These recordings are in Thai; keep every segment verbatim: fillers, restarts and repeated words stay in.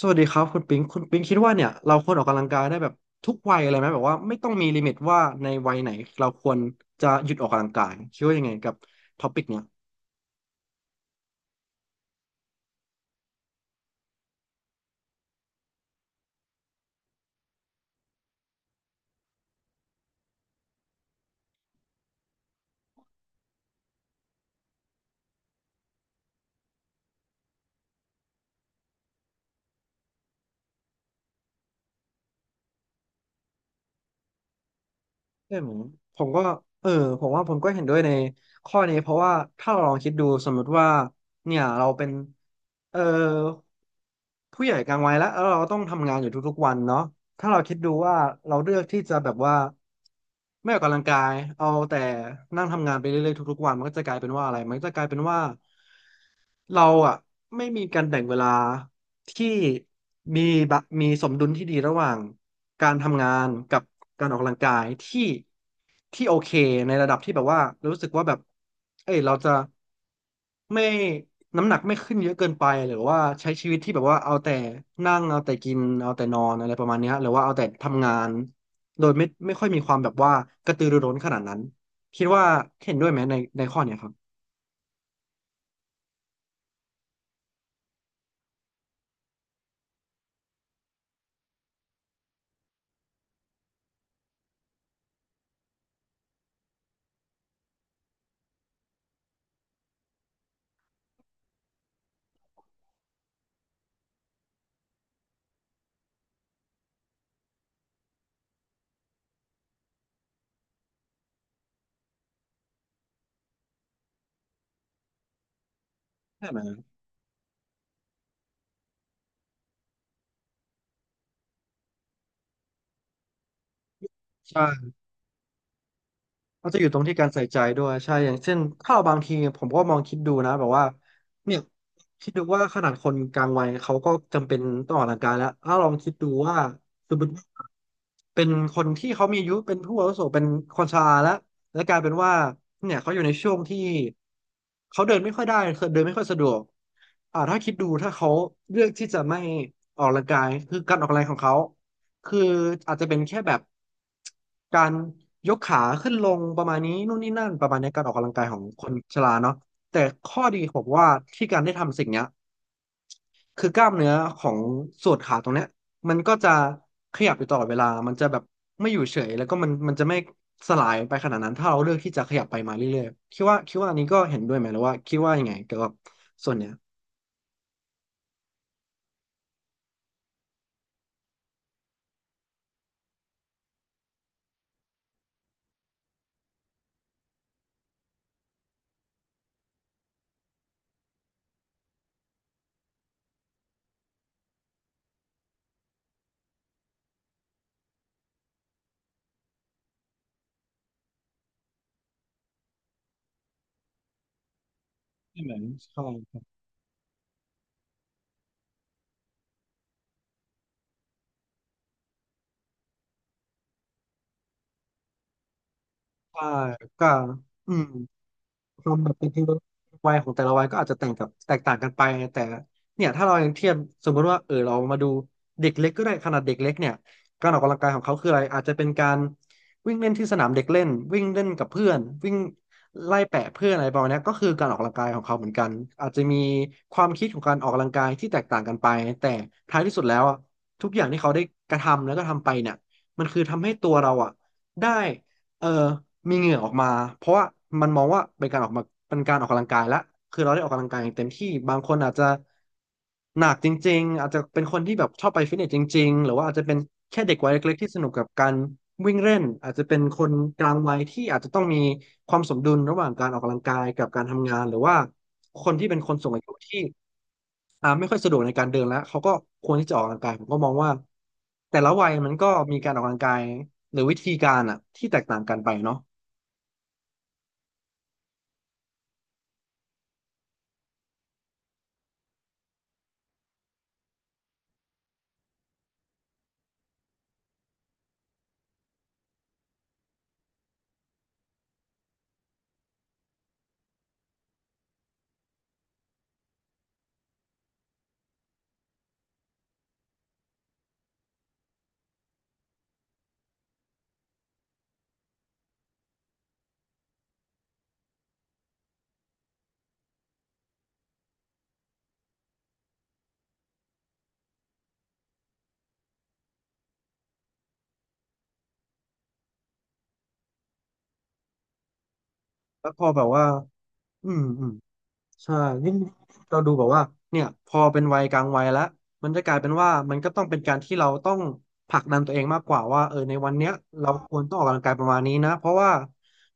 สวัสดีครับคุณปิงคุณปิงคิดว่าเนี่ยเราควรออกกำลังกายได้แบบทุกวัยอะไรไหมแบบว่าไม่ต้องมีลิมิตว่าในวัยไหนเราควรจะหยุดออกกำลังกายคิดว่ายังไงกับท็อปิกเนี้ย ใช่ไหมผมก็เออผมว่าผมก็เห็นด้วยในข้อนี้เพราะว่าถ้าเราลองคิดดูสมมติว่าเนี่ยเราเป็นเออผู้ใหญ่กลางวัยแล้วแล้วเราต้องทำงานอยู่ทุกๆวันเนาะถ้าเราคิดดูว่าเราเลือกที่จะแบบว่าไม่ออกกำลังกายเอาแต่นั่งทำงานไปเรื่อยๆทุกๆวันมันก็จะกลายเป็นว่าอะไรมันก็จะกลายเป็นว่า เราอ่ะไม่มีการแบ่งเวลาที่มีบะมีสมดุลที่ดีระหว่างการทำงานกับการออกกำลังกายที่ที่โอเคในระดับที่แบบว่ารู้สึกว่าแบบเอ้ยเราจะไม่น้ำหนักไม่ขึ้นเยอะเกินไปหรือว่าใช้ชีวิตที่แบบว่าเอาแต่นั่งเอาแต่กินเอาแต่นอนอะไรประมาณเนี้ยหรือว่าเอาแต่ทำงานโดยไม่ไม่ค่อยมีความแบบว่ากระตือรือร้นขนาดนั้นคิดว่าเห็นด้วยไหมในในข้อเนี้ยครับใช่ไหมใช่ ก็จะอยู่ตรงที่การใส่ใจด้วยใช่อย่างเช่นถ้าเราบางทีผมก็มองคิดดูนะแบบว่าเนี่ยคิดดูว่าขนาดคนกลางวัยเขาก็จำเป็นต้องออกกำลังกายแล้วถ้าลองคิดดูว่าสมมติเป็นคนที่เขามีอายุเป็นผู้อาวุโสเป็นคนชราแล้วและกลายเป็นว่าเนี่ยเขาอยู่ในช่วงที่เขาเดินไม่ค่อยได้คือเดินไม่ค่อยสะดวกอ่าถ้าคิดดูถ้าเขาเลือกที่จะไม่ออกกำลังกายคือการออกกำลังกายของเขา คืออาจจะเป็นแค่แบบการยกขาขึ้นลงประมาณนี้นู่นนี่นั่นประมาณนี้การออกกำลังกายของคนชราเนาะแต่ข้อดีผมว่าที่การได้ทำสิ่งเนี้ยคือกล้ามเนื้อของส่วนขาตรงเนี้ยมันก็จะขยับอยู่ตลอดเวลามันจะแบบไม่อยู่เฉยแล้วก็มันมันจะไม่สลายไปขนาดนั้นถ้าเราเลือกที่จะขยับไปมาเรื่อยๆคิดว่าคิดว่าอันนี้ก็เห็นด้วยไหมหรือว่าคิดว่ายังไงเกี่ยวกับส่วนเนี้ยไม่เหมือนใช่ใช่ก็อืม ความแบบเป็นเวัยของแต่ละวัยก็อาจจะแต่งกับแตกต่างกันไปแต่เนี่ยถ้าเรายังเทียบสมมติว่าเออเรามาดูเด็กเล็กก็ได้ขนาดเด็กเล็กเนี่ยการออกกำลังกายของเขาคืออะไรอาจจะเป็นการวิ่งเล่นที่สนามเด็กเล่นวิ่งเล่นกับเพื่อนวิ่งไล่แปะเพื่อนอะไรประมาณเนี้ยก็คือการออกกำลังกายของเขาเหมือนกันอาจจะมีความคิดของการออกกำลังกายที่แตกต่างกันไปแต่ท้ายที่สุดแล้วอะทุกอย่างที่เขาได้กระทำแล้วก็ทำไปเนี่ยมันคือทำให้ตัวเราอะได้ เออมีเหงื่อออกมาเพราะว่ามันมองว่าเป็นการออกมาเป็นการออกกำลังกายละคือเราได้ออกกำลังกายอย่างเต็มที่บางคนอาจจะหนักจริงๆอาจจะเป็นคนที่แบบชอบไปฟิตเนสจริงๆหรือว่าอาจจะเป็นแค่เด็กวัยเล็กๆที่สนุกกับการวิ่งเล่นอาจจะเป็นคนกลางวัยที่อาจจะต้องมีความสมดุลระหว่างการออกกำลังกายกับการทำงานหรือว่าคนที่เป็นคนสูงอายุที่ อ่าไม่ค่อยสะดวกในการเดินแล้วเขาก็ควรที่จะออกกำลังกายผมก็มองว่าแต่ละวัยมันก็มีการออกกำลังกายหรือวิธีการอ่ะที่แตกต่างกันไปเนาะแล้วพอแบบว่าอืมอืม ใช่ยิ่งเราดูแบบว่าเนี่ยพอเป็นวัยกลางวัยแล้วมันจะกลายเป็นว่ามันก็ต้องเป็นการที่เราต้องผลักดันตัวเองมากกว่าว่าเออในวันเนี้ยเราควรต้องออกกำลังกายประมาณนี้นะเพราะว่า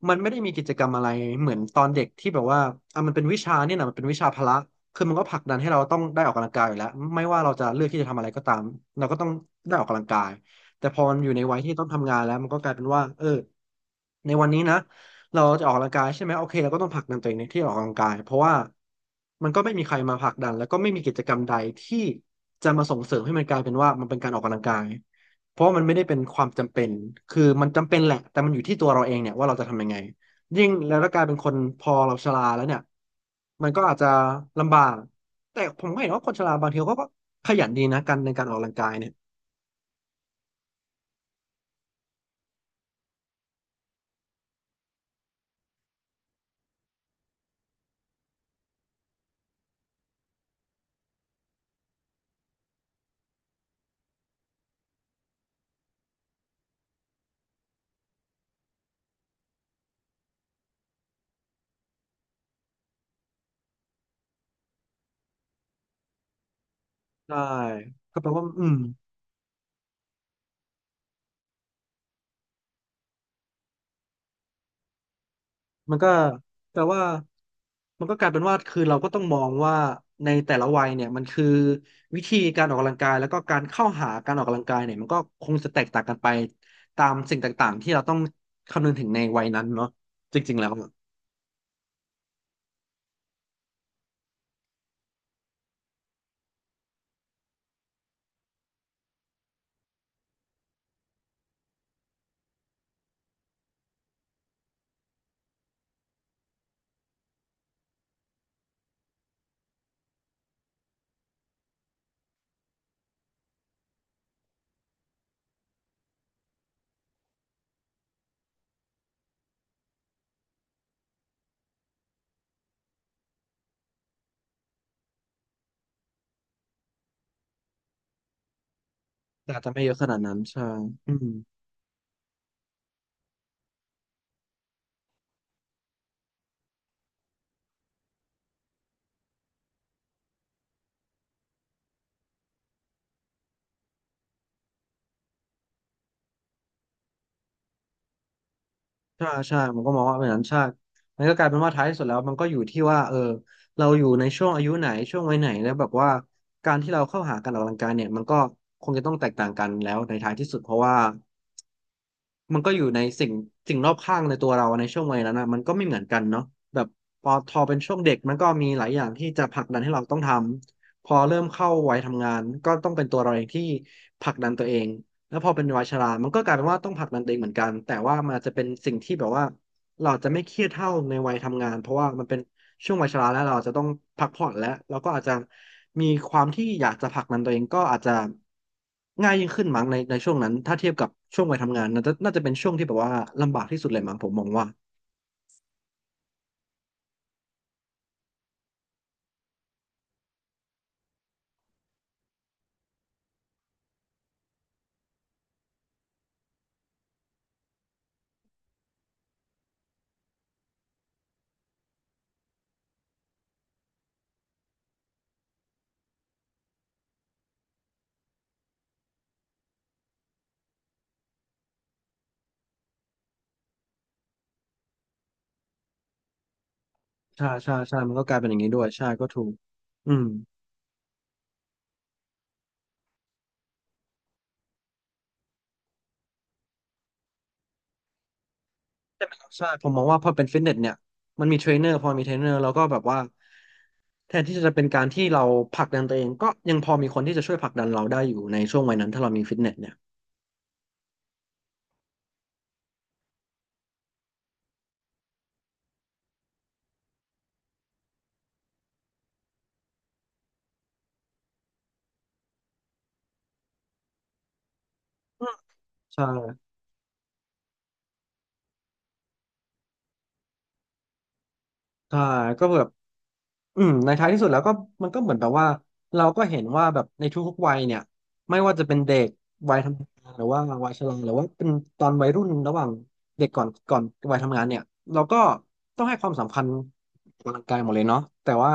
มันไม่ได้มีกิจกรรมอะไรเหมือนตอนเด็กที่แบบว่าอ่ะมันเป็นวิชาเนี่ยนะมันเป็นวิชาพละคือมันก็ผลักดันให้เราต้องได้ออกกำลังกายอยู่แล้วไม่ว่าเราจะเลือกที่จะทำอะไรก็ตามเราก็ต้องได้ออกกำลังกายแต่พอมันอยู่ในวัยที่ต้องทำงานแล้วมันก็กลายเป็นว่าเออในวันนี้นะ เราจะออกกำลังกายใช่ไหมโอเคเราก็ต้องผลักดันตัวเองในที่ออกกำลังกายเพราะว่ามันก็ไม่มีใครมาผลักดันแล้วก็ไม่มีกิจกรรมใดที่จะมาส่งเสริมให้มันกลายเป็นว่ามันเป็นการออกกำลังกายเพราะว่ามันไม่ได้เป็นความจำเป็นคือมันจำเป็นแหละแต่มันอยู่ที่ตัวเราเองเนี่ยว่าเราจะทำยังไงยิ่งแล้วถ้ากลายเป็นคนพอเราชราแล้วเนี่ยมันก็อาจจะลำบากแต่ผมก็เห็นว่าคนชราบางทีเขาก็ขยันดีนะกันในการออกกำลังกายเนี่ยได้ก็แปลว่าอืม มันก็แต่ว่ามันก็กลายเป็นว่าคือเราก็ต้องมองว่าในแต่ละวัยเนี่ยมันคือวิธีการออกกำลังกายแล้วก็การเข้าหาการออกกำลังกายเนี่ยมันก็คงจะแตกต่างกันไปตามสิ่งต่างๆที่เราต้องคำนึงถึงในวัยนั้นเนาะจริงๆแล้วอะแต่อาจจะไม่เยอะขนาดนั้นใช่อืมใช่ใช่มันก็มองว่าเป็นนั้นใช่มันก็กลายเป็นว่าท้ายที่สุดแล้วมันก็อยู่ที่ว่าเออเราอยู่ในช่วงอายุไหนช่วงวัยไหนแล้วแบบว่าการที่เราเข้าหาการออกกำลังกายเนี่ยมันก็คงจะต้องแตกต่างกันแล้วในท้ายที่สุดเพราะว่า มันก็อยู่ในสิ่งสิ่งรอบข้างในตัวเราในช่วงวัยนั้นนะมันก็ไม่เหมือนกันเนาะแบบพอทอเป็นช่วงเด็กมันก็มีหลายอย่างที่จะผลักดันให้เราต้องทำพอเริ่มเข้าวัยทำงานก็ต้องเป็นตัวเราเองที่ผลักดันตัวเองแล้วพอเป็นวัยชรามันก็กลายเป็นว่าต้องผลักดันตัวเองเหมือนกันแต่ว่ามันอาจจะเป็นสิ่งที่แบบว่าเราจะไม่เครียดเท่าในวัยทำงานเพราะว่ามันเป็น ช่วงวัยชราแล้วเราอาจจะต้องพักผ่อนแล้วเราก็อาจจะมีความที่อยากจะผลักดันตัวเองก็อาจจะง่ายยิ่งขึ้นมั้งในในช่วงนั้นถ้าเทียบกับช่วงวัยทำงานน่าจะน่าจะเป็นช่วงที่แบบว่าลำบากที่สุดเลยมั้งผมมองว่าใช่ใช่ใช่มันก็กลายเป็นอย่างนี้ด้วยใช่ก็ถูกอืมใช่ไหมครับใช่ผมมองว่าพอเป็นฟิตเนสเนี่ยมันมีเทรนเนอร์พอมีเทรนเนอร์แล้วก็แบบว่าแทนที่จะเป็นการที่เราผลักดันตัวเองก็ยังพอมีคนที่จะช่วยผลักดันเราได้อยู่ในช่วงวัยนั้นถ้าเรามีฟิตเนสเนี่ยใช่ ใช่ก็แบบอืมในท้ายที่สุดแล้วก็มันก็เหมือนแบบว่าเราก็เห็นว่าแบบในทุกๆวัยเนี่ยไม่ว่าจะเป็นเด็กวัยทำงานหรือว่าวัยชราหรือว่าเป็นตอนวัยรุ่นระหว่างเด็กก่อนก่อนวัยทำงานเนี่ยเราก็ต้องให้ความสำคัญกับร่างกายหมดเลยเนาะแต่ว่า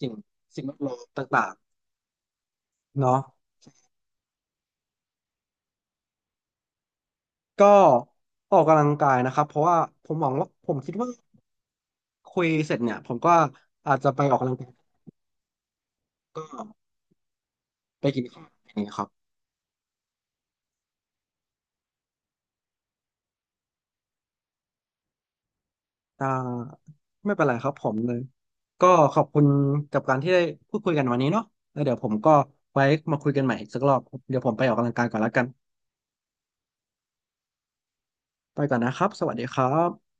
สิ่งสิ่งแวดล้อมต่างๆเนาะก็ออกกำลังกายนะครับเพราะว่าผมหวังว่าผมคิดว่าคุยเสร็จเนี่ยผมก็อาจจะไปออกกำลังกายก็ไปกินข้าวอย่างเงี้ยครับ อ่าไม่เป็นไรครับผมเลยก็ขอบคุณกับการที่ได้พูดคุยกันวันนี้เนาะแล้วเดี๋ยวผมก็ไว้มาคุยกันใหม่อีกสักรอบเดี๋ยวผมไปออกกำลังกายก่อนแล้วกันไปก่อนนะครับสวัสดีครับ